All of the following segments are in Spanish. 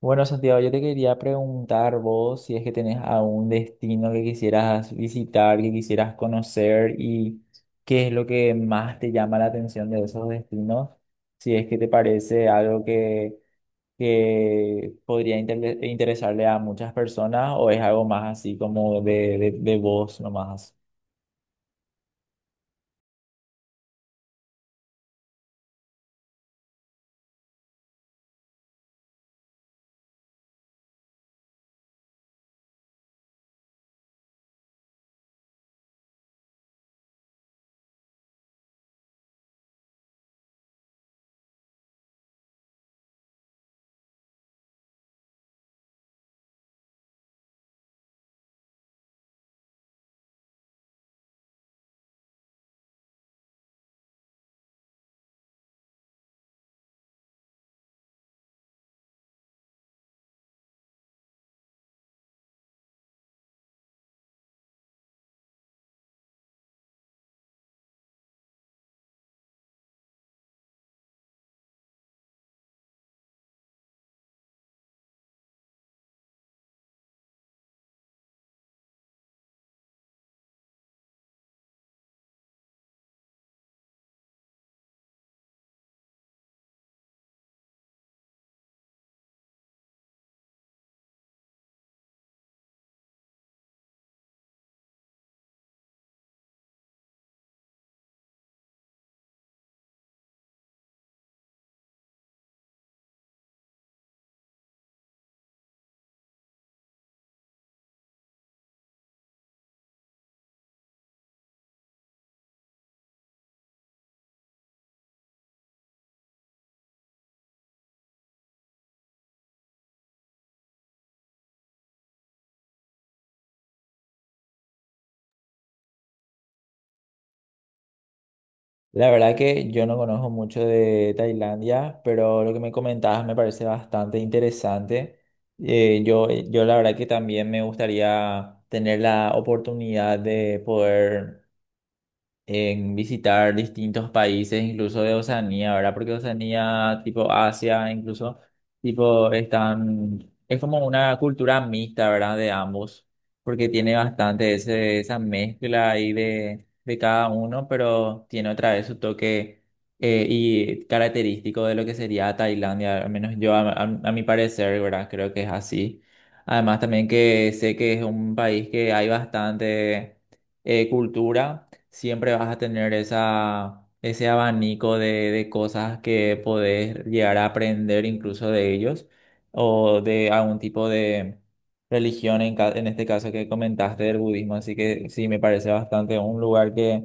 Bueno, Santiago, yo te quería preguntar vos si es que tenés algún destino que quisieras visitar, que quisieras conocer y qué es lo que más te llama la atención de esos destinos, si es que te parece algo que podría interesarle a muchas personas o es algo más así como de vos nomás. La verdad que yo no conozco mucho de Tailandia, pero lo que me comentabas me parece bastante interesante. Yo la verdad que también me gustaría tener la oportunidad de poder en visitar distintos países, incluso de Oceanía, ¿verdad? Porque Oceanía, tipo Asia, incluso, tipo, están, es como una cultura mixta, ¿verdad? De ambos, porque tiene bastante ese, esa mezcla ahí de cada uno, pero tiene otra vez su toque y característico de lo que sería Tailandia, al menos yo, a mi parecer, ¿verdad? Creo que es así. Además también que sé que es un país que hay bastante cultura, siempre vas a tener ese abanico de cosas que podés llegar a aprender incluso de ellos o de algún tipo de religión, en este caso que comentaste del budismo. Así que sí, me parece bastante un lugar que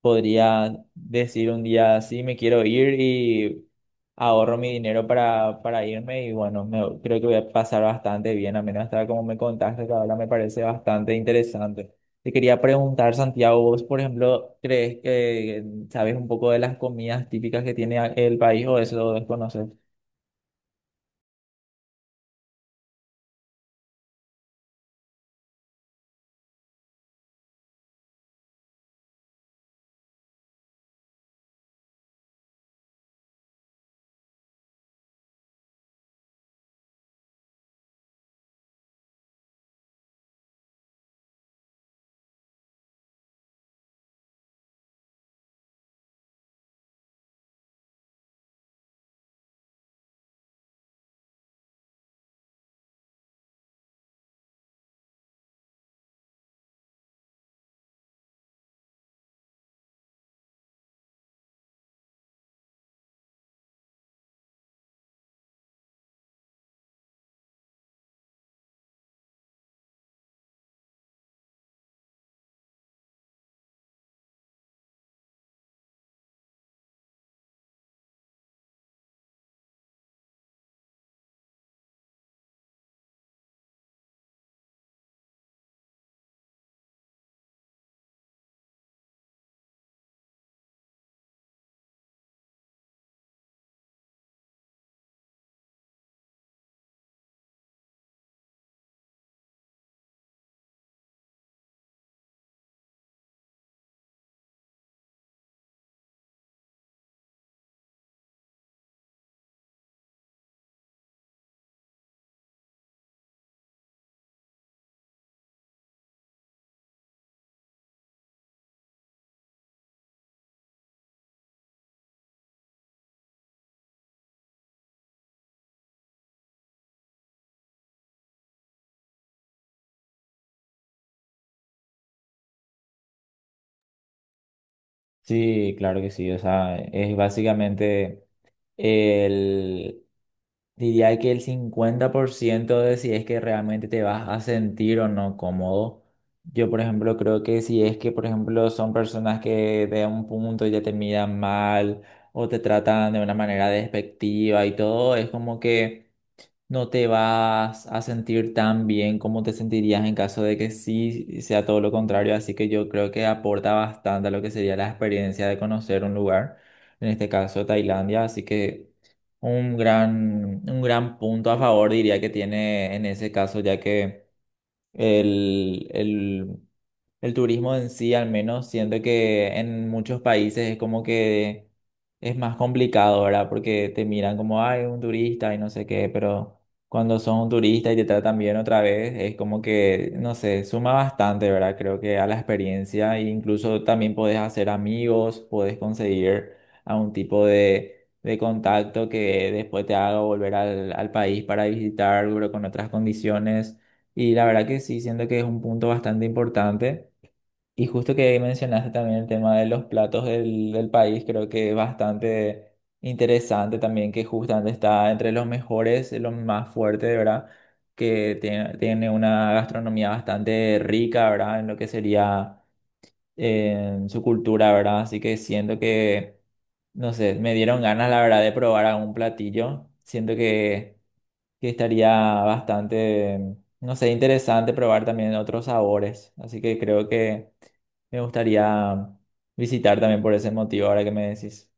podría decir un día, sí, me quiero ir y ahorro mi dinero para irme y bueno, creo que voy a pasar bastante bien, a menos hasta como me contaste, que ahora me parece bastante interesante. Te quería preguntar, Santiago, vos, por ejemplo, ¿crees que sabes un poco de las comidas típicas que tiene el país o eso lo desconoces? Sí, claro que sí. O sea, es básicamente el, diría que el 50% de si es que realmente te vas a sentir o no cómodo. Yo, por ejemplo, creo que si es que, por ejemplo, son personas que de un punto ya te miran mal o te tratan de una manera despectiva y todo, es como que no te vas a sentir tan bien como te sentirías en caso de que sí sea todo lo contrario, así que yo creo que aporta bastante a lo que sería la experiencia de conocer un lugar, en este caso Tailandia, así que un gran punto a favor diría que tiene en ese caso, ya que el, el el turismo en sí, al menos, siento que en muchos países es como que es más complicado, ¿verdad? Porque te miran como, ay, un turista y no sé qué, pero cuando son un turista y te tratan bien otra vez, es como que, no sé, suma bastante, ¿verdad? Creo que a la experiencia, e incluso también podés hacer amigos, podés conseguir a un tipo de contacto que después te haga volver al país para visitar, pero con otras condiciones. Y la verdad que sí, siento que es un punto bastante importante. Y justo que mencionaste también el tema de los platos del país, creo que es bastante interesante también que justamente está entre los mejores, los más fuertes, ¿verdad? Tiene una gastronomía bastante rica, ¿verdad? En lo que sería su cultura, ¿verdad? Así que siento que, no sé, me dieron ganas, la verdad, de probar algún platillo. Siento que estaría bastante, no sé, interesante probar también otros sabores. Así que creo que me gustaría visitar también por ese motivo, ahora que me decís.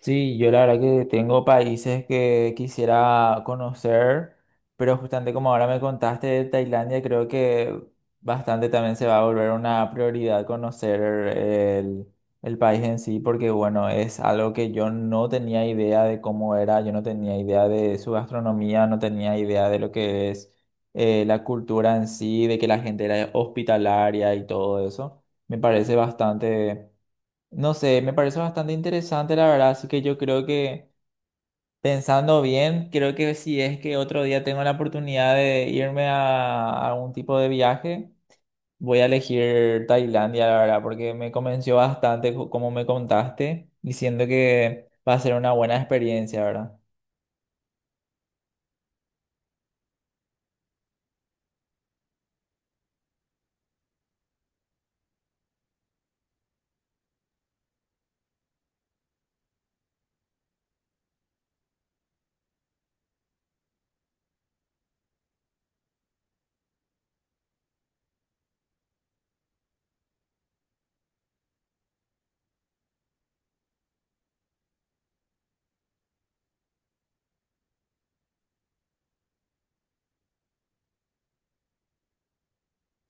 Sí, yo la verdad que tengo países que quisiera conocer, pero justamente como ahora me contaste de Tailandia, creo que bastante también se va a volver una prioridad conocer el, el país en sí, porque bueno, es algo que yo no tenía idea de cómo era, yo no tenía idea de su gastronomía, no tenía idea de lo que es la cultura en sí, de que la gente era hospitalaria y todo eso. Me parece bastante, no sé, me parece bastante interesante, la verdad, así que yo creo que pensando bien, creo que si es que otro día tengo la oportunidad de irme a algún tipo de viaje, voy a elegir Tailandia, la verdad, porque me convenció bastante como me contaste, diciendo que va a ser una buena experiencia, ¿verdad?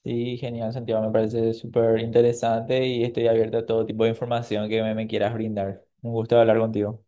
Sí, genial, Santiago, me parece súper interesante y estoy abierto a todo tipo de información que me quieras brindar. Un gusto hablar contigo.